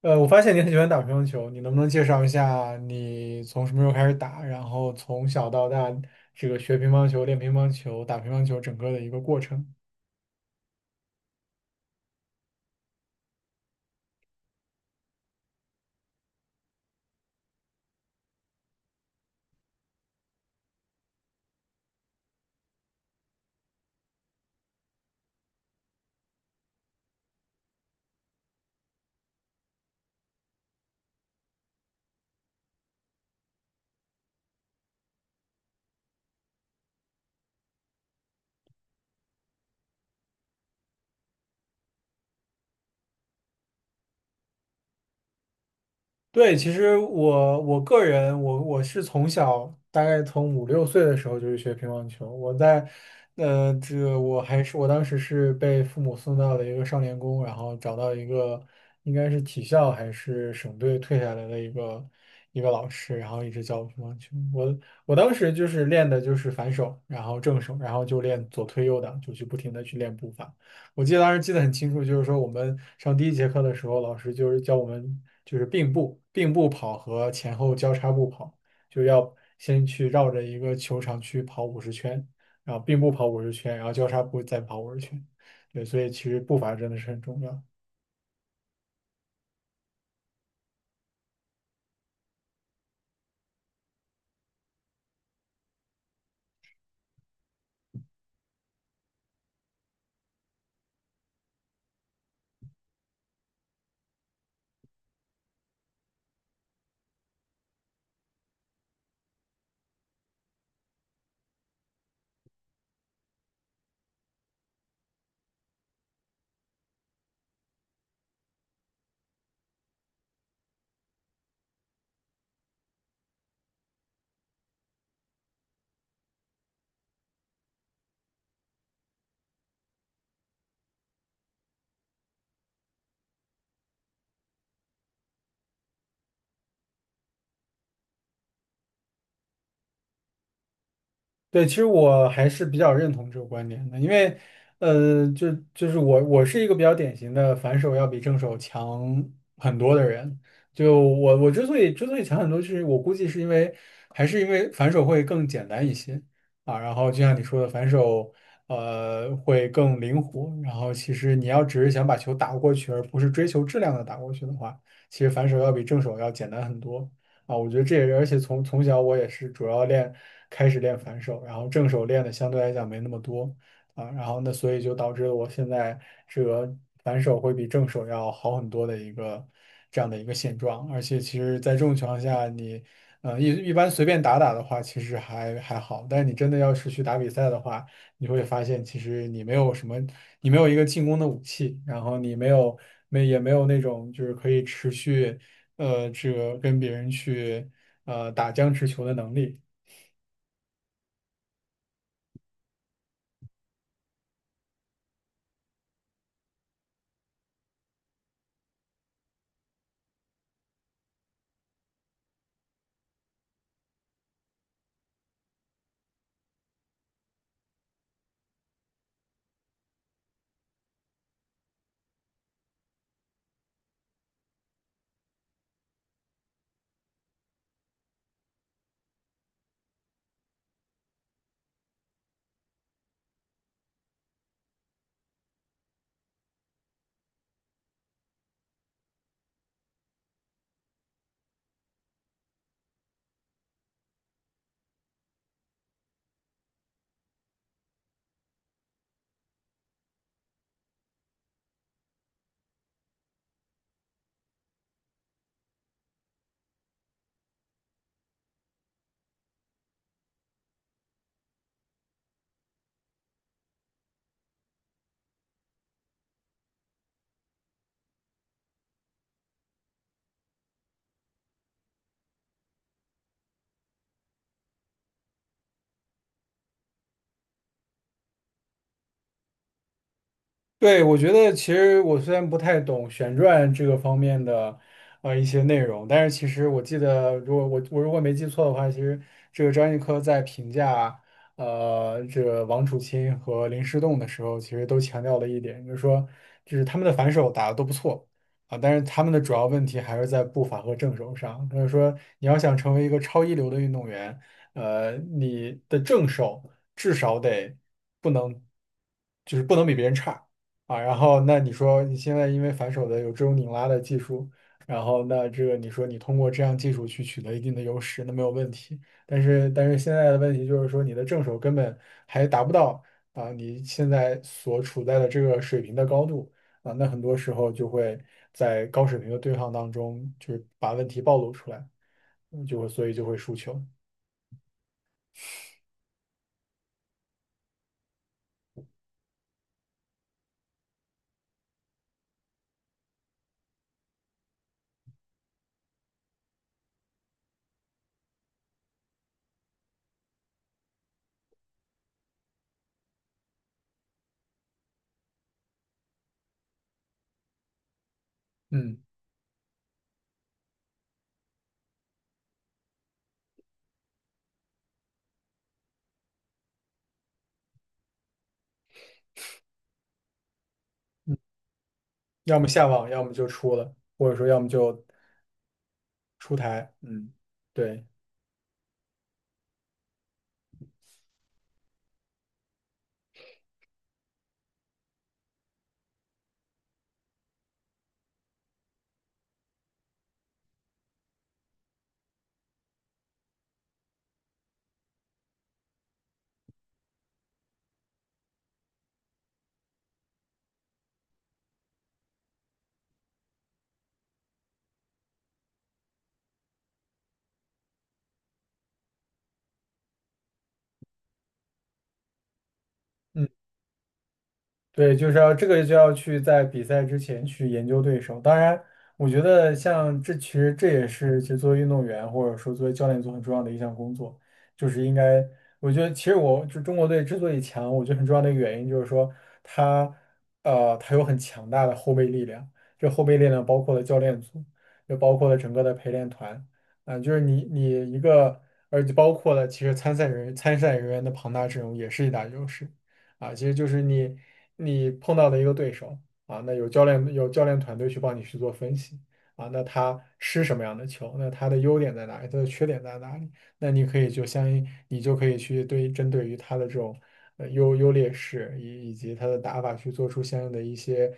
我发现你很喜欢打乒乓球，你能不能介绍一下你从什么时候开始打，然后从小到大这个学乒乓球、练乒乓球、打乒乓球整个的一个过程？对，其实我个人，我是从小大概从五六岁的时候就是学乒乓球。我在，这个我还是我当时是被父母送到了一个少年宫，然后找到一个应该是体校还是省队退下来的一个老师，然后一直教我乒乓球。我我当时就是练的就是反手，然后正手，然后就练左推右挡，就去不停的去练步伐。我记得当时记得很清楚，就是说我们上第一节课的时候，老师就是教我们就是并步、并步跑和前后交叉步跑，就要先去绕着一个球场去跑五十圈，然后并步跑五十圈，然后交叉步再跑五十圈。对，所以其实步伐真的是很重要。对，其实我还是比较认同这个观点的。因为，就是我是一个比较典型的反手要比正手强很多的人。就我之所以强很多，是我估计是因为还是因为反手会更简单一些啊。然后就像你说的，反手会更灵活。然后其实你要只是想把球打过去，而不是追求质量的打过去的话，其实反手要比正手要简单很多。啊，我觉得这也是，而且从从小我也是主要练，开始练反手，然后正手练的相对来讲没那么多啊。然后那所以就导致了我现在这个反手会比正手要好很多的一个这样的一个现状，而且其实在这种情况下你，一般随便打打的话，其实还好，但是你真的要是去打比赛的话，你会发现其实你没有什么，你没有一个进攻的武器，然后你没有那种就是可以持续这个跟别人去打僵持球的能力。对，我觉得其实我虽然不太懂旋转这个方面的一些内容，但是其实我记得，如果我如果没记错的话，其实这个张继科在评价这个王楚钦和林诗栋的时候，其实都强调了一点，就是说就是他们的反手打得都不错啊，但是他们的主要问题还是在步伐和正手上。他就是说你要想成为一个超一流的运动员，你的正手至少得不能就是不能比别人差。啊，然后那你说你现在因为反手的有这种拧拉的技术，然后那这个你说你通过这样技术去取得一定的优势，那没有问题。但是现在的问题就是说你的正手根本还达不到啊你现在所处在的这个水平的高度啊，那很多时候就会在高水平的对抗当中，就是把问题暴露出来，所以就会输球。嗯，要么下网，要么就出了，或者说要么就出台。嗯，对。嗯。对，就是要这个就要去在比赛之前去研究对手。当然，我觉得像这其实这也是就作为运动员或者说作为教练组很重要的一项工作。就是应该我觉得其实我就中国队之所以强，我觉得很重要的一个原因就是说他他有很强大的后备力量，这后备力量包括了教练组，也包括了整个的陪练团啊、就是你你一个而且包括了其实参赛人员的庞大阵容也是一大优势。啊，其实就是你碰到的一个对手啊，那有教练团队去帮你去做分析啊，那他吃什么样的球，那他的优点在哪里，他的缺点在哪里，那你可以就相应你就可以去针对于他的这种优劣势以及他的打法去做出相应的一些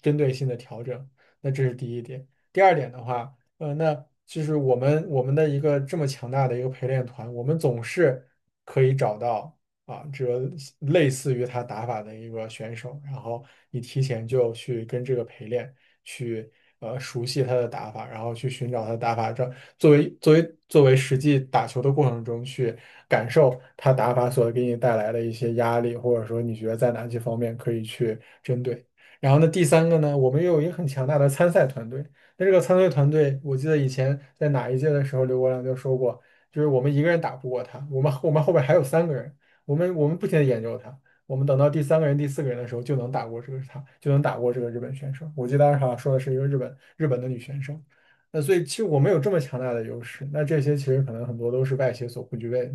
针对性的调整，那这是第一点。第二点的话，那就是我们的一个这么强大的一个陪练团，我们总是可以找到啊，这个类似于他打法的一个选手，然后你提前就去跟这个陪练，去熟悉他的打法，然后去寻找他的打法，这作为实际打球的过程中去感受他打法所给你带来的一些压力，或者说你觉得在哪些方面可以去针对。然后呢，第三个呢，我们又有一个很强大的参赛团队。那这个参赛团队，我记得以前在哪一届的时候，刘国梁就说过，就是我们一个人打不过他，我们后边还有三个人。我们不停的研究他，我们等到第三个人、第四个人的时候，就能打过这个他，就能打过这个日本选手。我记得当时好像说的是一个日本的女选手，那所以其实我们有这么强大的优势，那这些其实可能很多都是外协所不具备的。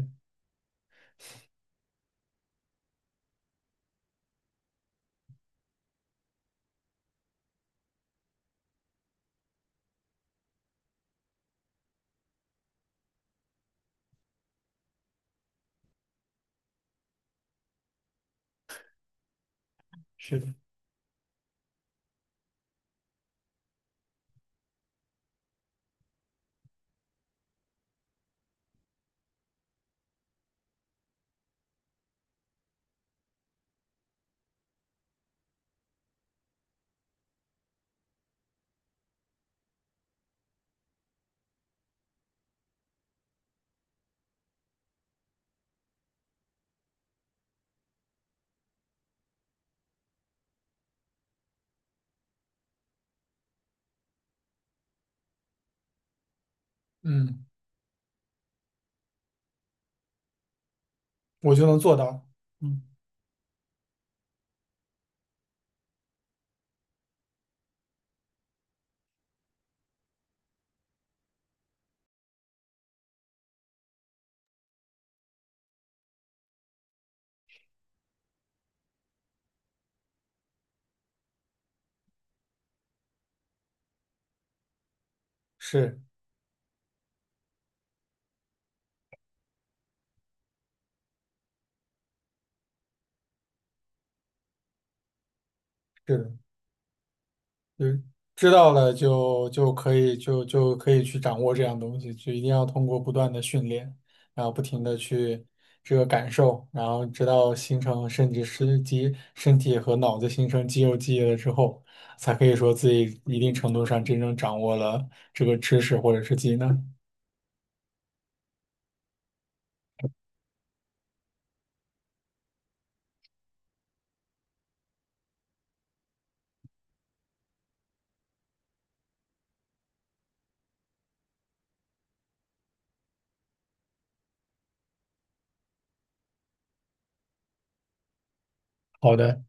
是的，嗯，我就能做到。嗯，是是的。就知道了就可以去掌握这样东西，就一定要通过不断的训练，然后不停的去这个感受，然后直到形成甚至是身体和脑子形成肌肉记忆了之后，才可以说自己一定程度上真正掌握了这个知识或者是技能。好的。